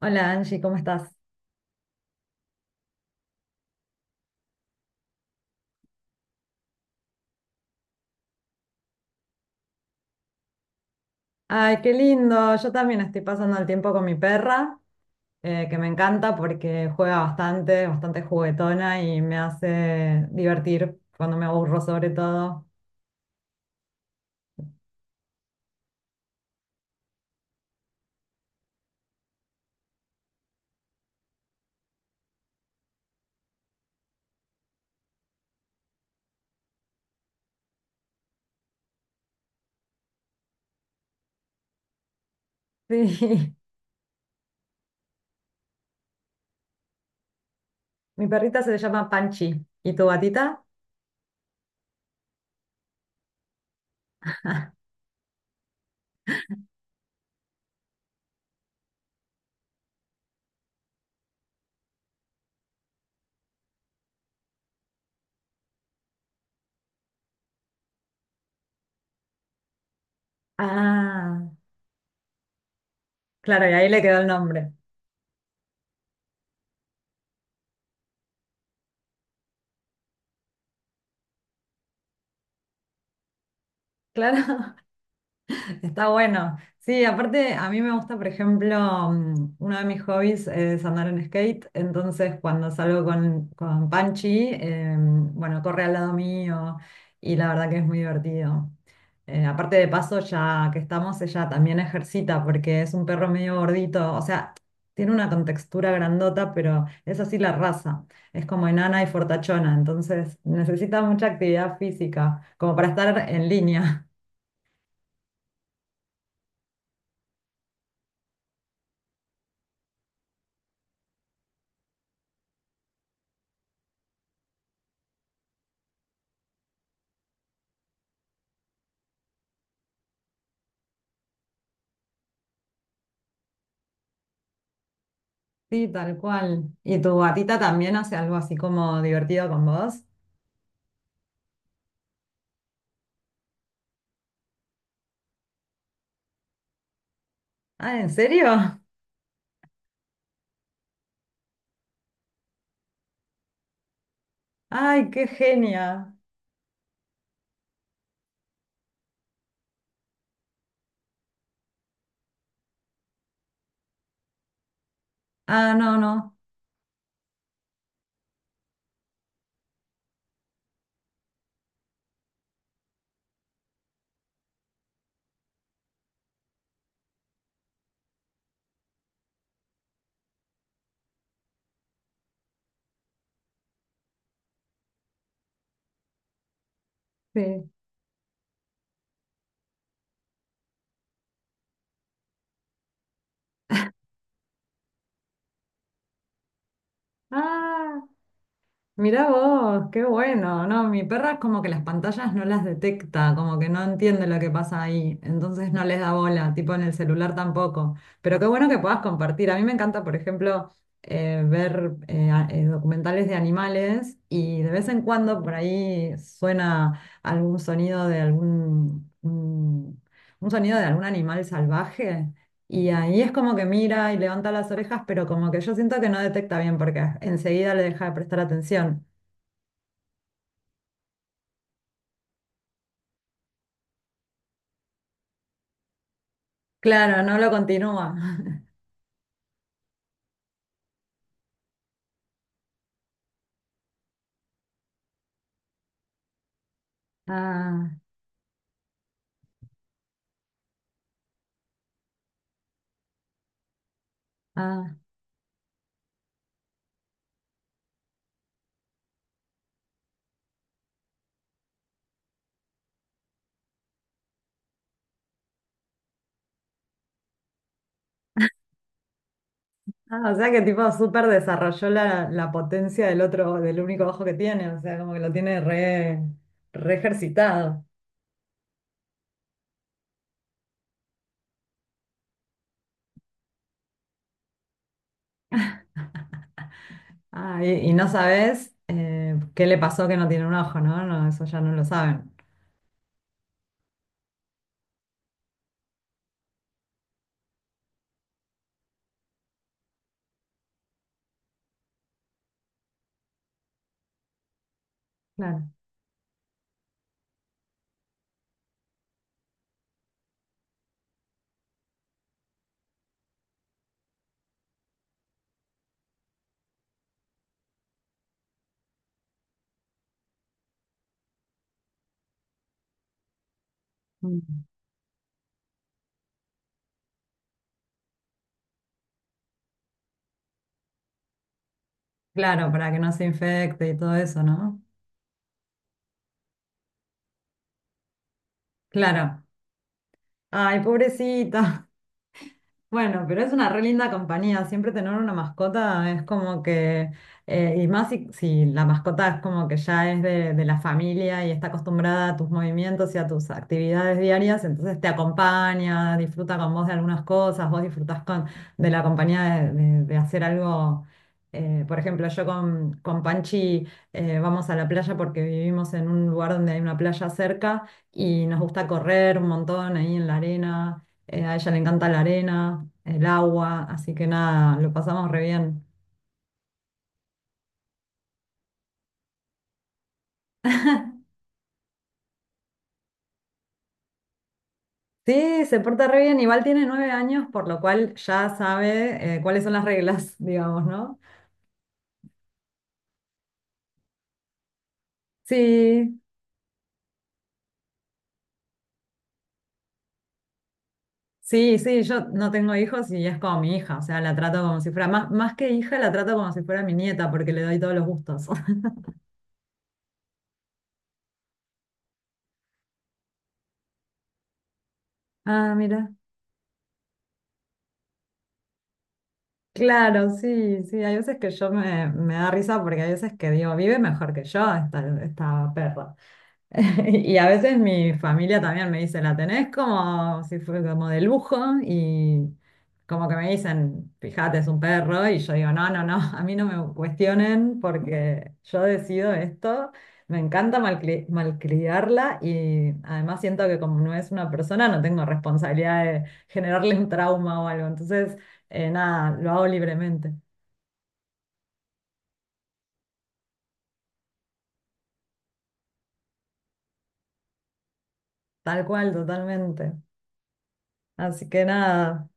Hola Angie, ¿cómo estás? Ay, qué lindo. Yo también estoy pasando el tiempo con mi perra, que me encanta porque juega bastante, bastante juguetona y me hace divertir cuando me aburro sobre todo. Sí, mi perrita se llama Panchi. ¿Y tu gatita? Ah, claro, y ahí le quedó el nombre. Claro. Está bueno. Sí, aparte a mí me gusta, por ejemplo, uno de mis hobbies es andar en skate, entonces cuando salgo con Panchi, bueno, corre al lado mío y la verdad que es muy divertido. Aparte de paso, ya que estamos, ella también ejercita porque es un perro medio gordito, o sea, tiene una contextura grandota, pero es así la raza, es como enana y fortachona, entonces necesita mucha actividad física, como para estar en línea. Sí, tal cual. ¿Y tu gatita también hace algo así como divertido con vos? Ah, ¿en serio? Ay, qué genia. Ah, no, no. Sí. Ah. Mirá vos, qué bueno, ¿no? Mi perra es como que las pantallas no las detecta, como que no entiende lo que pasa ahí, entonces no les da bola, tipo en el celular tampoco. Pero qué bueno que puedas compartir. A mí me encanta, por ejemplo, documentales de animales y de vez en cuando por ahí suena algún sonido de un un sonido de algún animal salvaje. Y ahí es como que mira y levanta las orejas, pero como que yo siento que no detecta bien porque enseguida le deja de prestar atención. Claro, no lo continúa. Ah, ah, o sea que tipo súper desarrolló la potencia del otro, del único ojo que tiene, o sea, como que lo tiene re ejercitado. Ah, y no sabes qué le pasó que no tiene un ojo, ¿no? No, eso ya no lo saben. Claro. Mm. Claro, para que no se infecte y todo eso, ¿no? Claro. Ay, pobrecito. Bueno, pero es una re linda compañía. Siempre tener una mascota es como que, y más si la mascota es como que ya es de la familia y está acostumbrada a tus movimientos y a tus actividades diarias, entonces te acompaña, disfruta con vos de algunas cosas, vos disfrutás de la compañía de hacer algo. Eh, por ejemplo, yo con Panchi vamos a la playa porque vivimos en un lugar donde hay una playa cerca y nos gusta correr un montón ahí en la arena. A ella le encanta la arena, el agua, así que nada, lo pasamos re bien. Sí, se porta re bien, igual tiene 9 años, por lo cual ya sabe cuáles son las reglas, digamos, ¿no? Sí, sí, sí, yo no tengo hijos y es como mi hija, o sea, la trato como si fuera, más que hija, la trato como si fuera mi nieta, porque le doy todos los gustos. Ah, mira. Claro, sí, sí, hay veces que yo me da risa porque hay veces que digo, vive mejor que yo esta perra. Y a veces mi familia también me dice, la tenés como si fuera como de lujo y como que me dicen, fíjate, es un perro y yo digo, no, no, no, a mí no me cuestionen porque yo decido esto, me encanta malcriarla y además siento que como no es una persona no tengo responsabilidad de generarle un trauma o algo, entonces nada, lo hago libremente, tal cual, totalmente. Así que nada.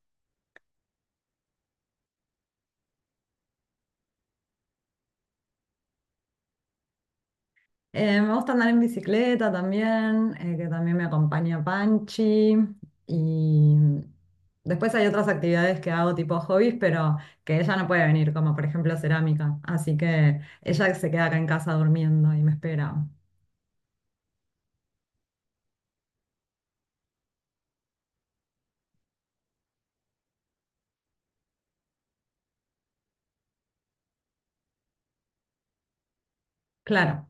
Me gusta andar en bicicleta también, que también me acompaña Panchi. Y después hay otras actividades que hago tipo hobbies, pero que ella no puede venir, como por ejemplo cerámica. Así que ella se queda acá en casa durmiendo y me espera. Claro,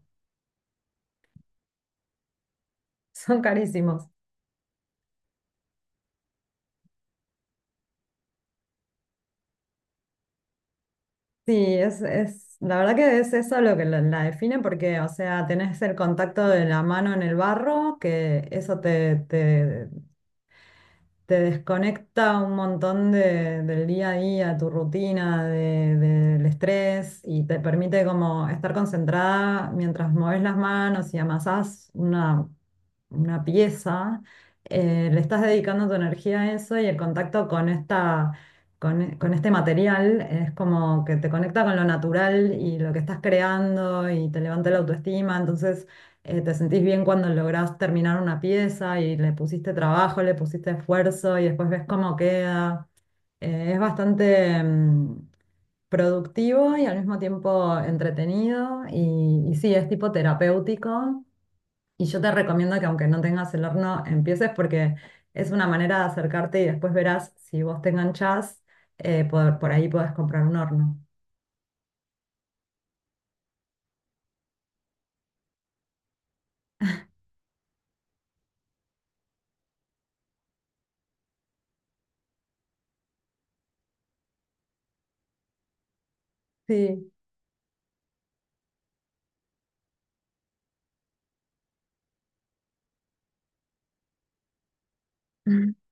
son carísimos. Sí, la verdad que es eso lo que la define porque, o sea, tenés el contacto de la mano en el barro, que eso te te desconecta un montón del día a día, tu rutina, del estrés y te permite como estar concentrada mientras mueves las manos y amasás una pieza, le estás dedicando tu energía a eso y el contacto con esta, con este material es como que te conecta con lo natural y lo que estás creando y te levanta la autoestima, entonces te sentís bien cuando lográs terminar una pieza y le pusiste trabajo, le pusiste esfuerzo y después ves cómo queda. Es bastante... mm, productivo y al mismo tiempo entretenido y sí, es tipo terapéutico y yo te recomiendo que aunque no tengas el horno, empieces porque es una manera de acercarte y después verás si vos te enganchás, por ahí podés comprar un horno. Sí.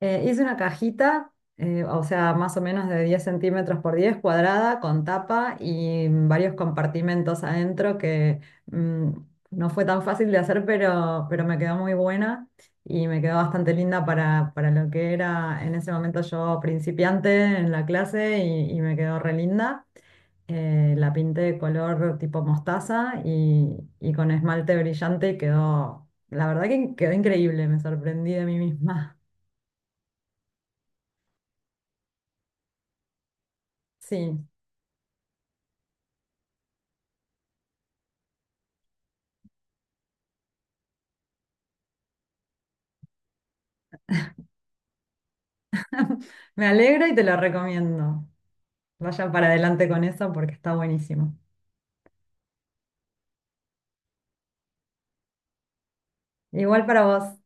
Hice una cajita, o sea, más o menos de 10 centímetros por 10 cuadrada, con tapa y varios compartimentos adentro que mm, no fue tan fácil de hacer, pero me quedó muy buena y me quedó bastante linda para lo que era en ese momento yo principiante en la clase y me quedó re linda. La pinté de color tipo mostaza y con esmalte brillante y quedó, la verdad que quedó increíble, me sorprendí de mí misma. Sí. Me alegra y te lo recomiendo. Vayan para adelante con eso porque está buenísimo. Igual para vos.